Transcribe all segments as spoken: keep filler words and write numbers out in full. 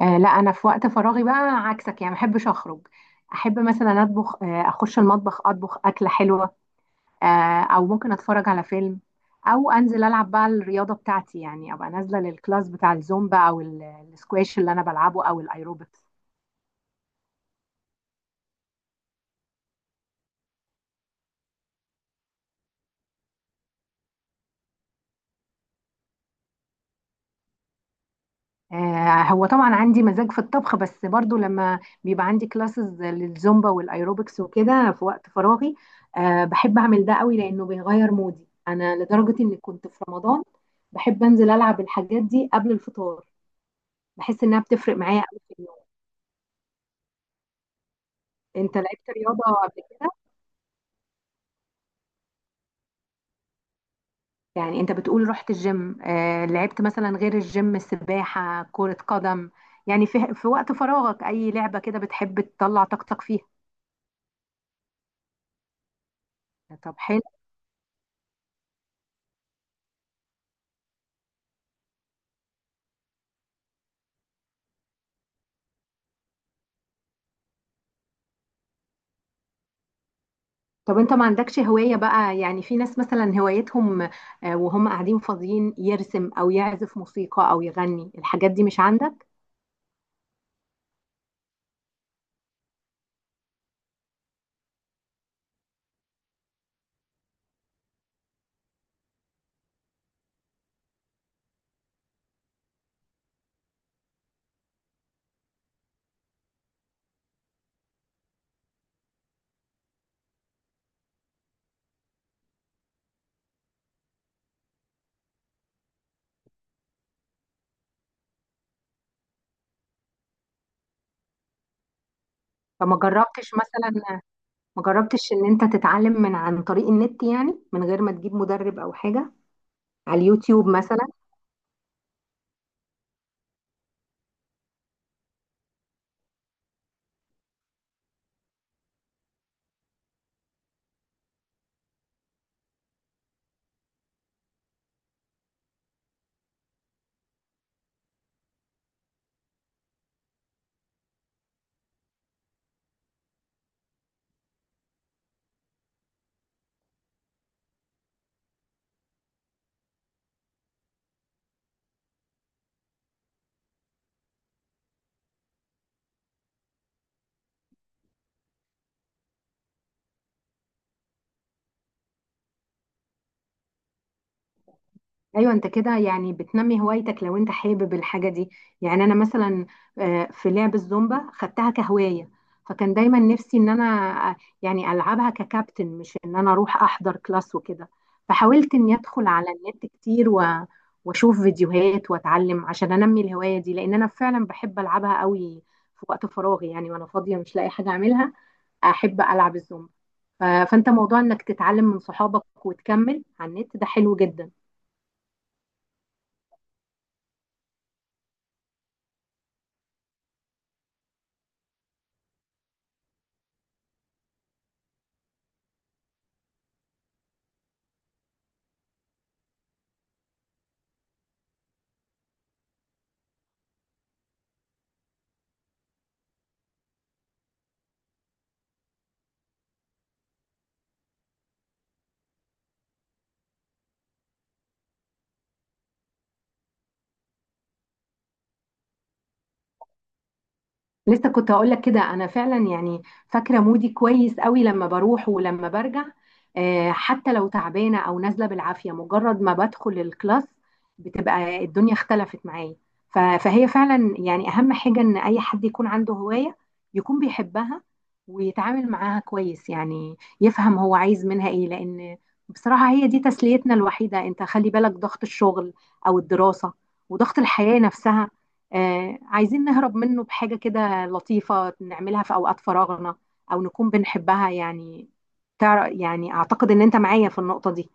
آه، لا، انا في وقت فراغي بقى عكسك، يعني ما بحبش اخرج. احب مثلا اطبخ، آه اخش المطبخ اطبخ اكله حلوه. آه او ممكن اتفرج على فيلم، او انزل العب بقى الرياضه بتاعتي، يعني ابقى نازله للكلاس بتاع الزومبا او ال- السكواش اللي انا بلعبه، او الايروبكس. آه، هو طبعا عندي مزاج في الطبخ، بس برضو لما بيبقى عندي كلاسز للزومبا والايروبكس وكده في وقت فراغي، آه، بحب اعمل ده قوي لانه بيغير مودي انا، لدرجة اني كنت في رمضان بحب انزل العب الحاجات دي قبل الفطار. بحس انها بتفرق معايا قوي في اليوم. انت لعبت رياضة قبل كده؟ يعني انت بتقول رحت الجيم، آه، لعبت مثلا غير الجيم سباحة كرة قدم؟ يعني في في وقت فراغك اي لعبة كده بتحب تطلع طاقتك فيها؟ طب حلو. طب انت ما عندكش هواية بقى؟ يعني في ناس مثلا هوايتهم، آه، وهم قاعدين فاضيين، يرسم او يعزف موسيقى او يغني، الحاجات دي مش عندك؟ فما جربتش مثلا ما جربتش ان انت تتعلم من عن طريق النت، يعني من غير ما تجيب مدرب او حاجة، على اليوتيوب مثلا؟ ايوه، انت كده يعني بتنمي هوايتك لو انت حابب الحاجه دي. يعني انا مثلا، آه، في لعب الزومبا خدتها كهوايه. فكان دايما نفسي ان انا آه، يعني العبها ككابتن، مش ان انا اروح احضر كلاس وكده. فحاولت اني ادخل على النت كتير و... واشوف فيديوهات واتعلم عشان انمي الهوايه دي، لان انا فعلا بحب العبها قوي في وقت فراغي، يعني وانا فاضيه مش لاقي حاجه اعملها احب العب الزومبا. ف... فانت، موضوع انك تتعلم من صحابك وتكمل على النت ده حلو جدا. لسه كنت هقول لك كده. انا فعلا يعني فاكره مودي كويس قوي لما بروح ولما برجع. آه، حتى لو تعبانه او نازله بالعافيه، مجرد ما بدخل الكلاس بتبقى الدنيا اختلفت معايا. ف- فهي فعلا يعني اهم حاجه ان اي حد يكون عنده هوايه، يكون بيحبها ويتعامل معاها كويس، يعني يفهم هو عايز منها ايه، لان بصراحه هي دي تسليتنا الوحيده. انت خلي بالك، ضغط الشغل او الدراسه وضغط الحياه نفسها، آه، عايزين نهرب منه بحاجه كده لطيفة نعملها في أوقات فراغنا، أو نكون بنحبها يعني. تعرف؟ يعني أعتقد إن أنت معايا في النقطة دي.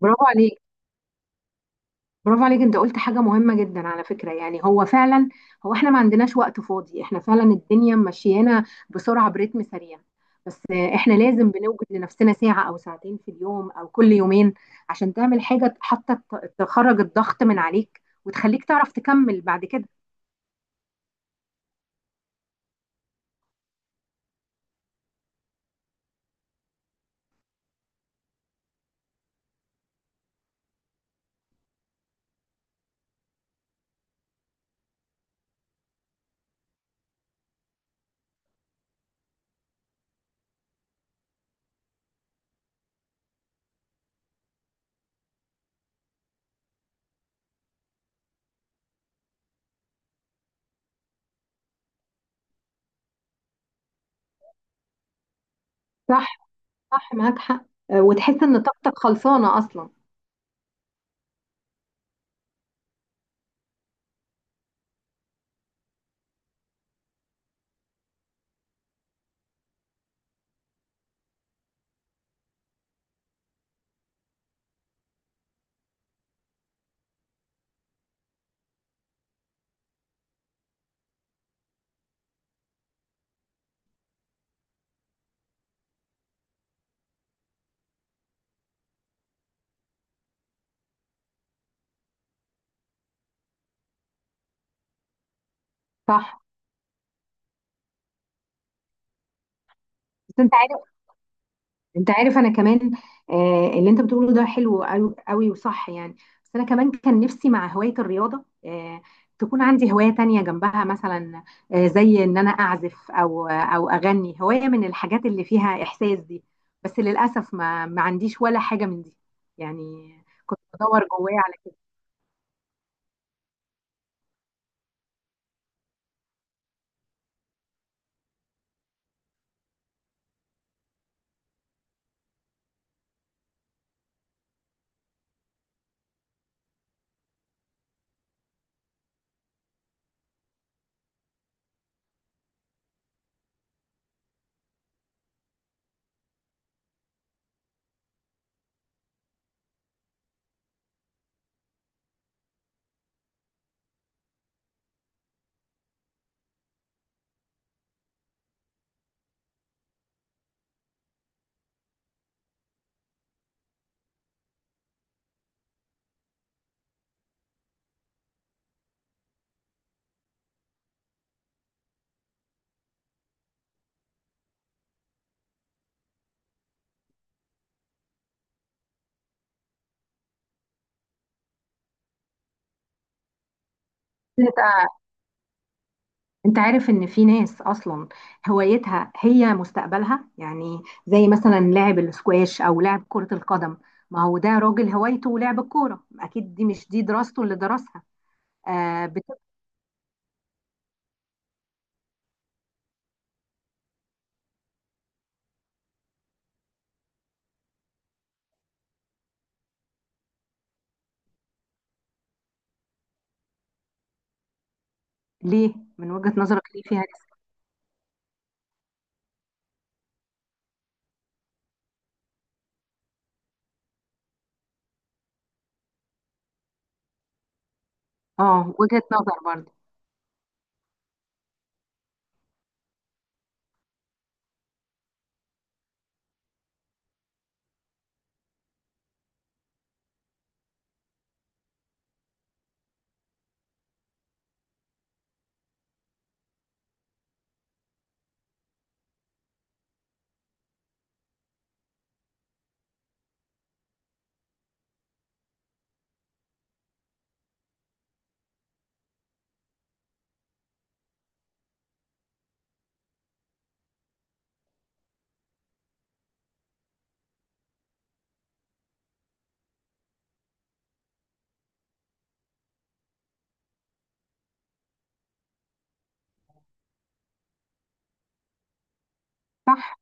برافو عليك، برافو عليك. أنت قلت حاجة مهمة جدا على فكرة، يعني هو فعلا. هو إحنا ما عندناش وقت فاضي، إحنا فعلا الدنيا ماشيانا بسرعة، برتم سريع. بس إحنا لازم بنوجد لنفسنا ساعة أو ساعتين في اليوم أو كل يومين، عشان تعمل حاجة حتى ت- تخرج الضغط من عليك وتخليك تعرف تكمل بعد كده. صح، صح، معاك حق. آه، وتحس إن طاقتك خلصانة أصلا. صح. بس انت عارف انت عارف انا كمان، آه اللي انت بتقوله ده حلو قوي قوي وصح يعني. بس انا كمان كان نفسي مع هواية الرياضة، آه تكون عندي هواية تانية جنبها مثلا، آه زي ان انا اعزف او او اغني، هواية من الحاجات اللي فيها احساس دي. بس للاسف ما ما عنديش ولا حاجة من دي يعني. كنت بدور جوايا على كده. انت عارف ان في ناس اصلا هوايتها هي مستقبلها، يعني زي مثلا لاعب الاسكواش او لاعب كرة القدم. ما هو ده راجل هوايته لعب الكورة، اكيد دي مش دي دراسته اللي درسها. آه بت... ليه من وجهة نظرك، ليه فيها ريسك؟ اه، وجهة نظر برضه صح.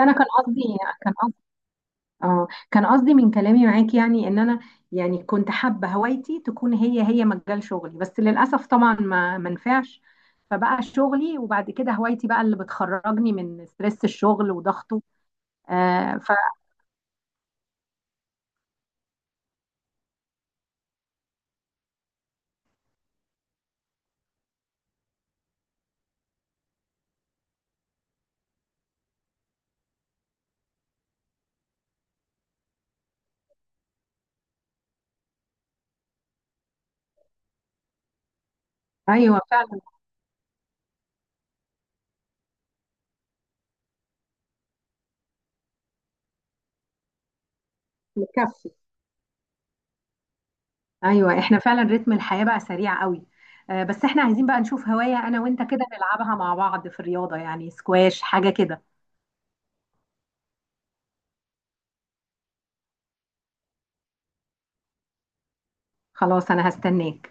انا كان قصدي كان اه كان قصدي من كلامي معاكي، يعني ان انا يعني كنت حابه هوايتي تكون هي هي مجال شغلي، بس للاسف طبعا ما ما نفعش. فبقى شغلي، وبعد كده هوايتي بقى اللي بتخرجني من ستريس الشغل وضغطه. آه فايوه فعلا. مكفي. ايوه، احنا فعلا رتم الحياه بقى سريع قوي. آه بس احنا عايزين بقى نشوف هوايه انا وانت كده نلعبها مع بعض في الرياضه، يعني سكواش حاجه كده. خلاص، انا هستناك.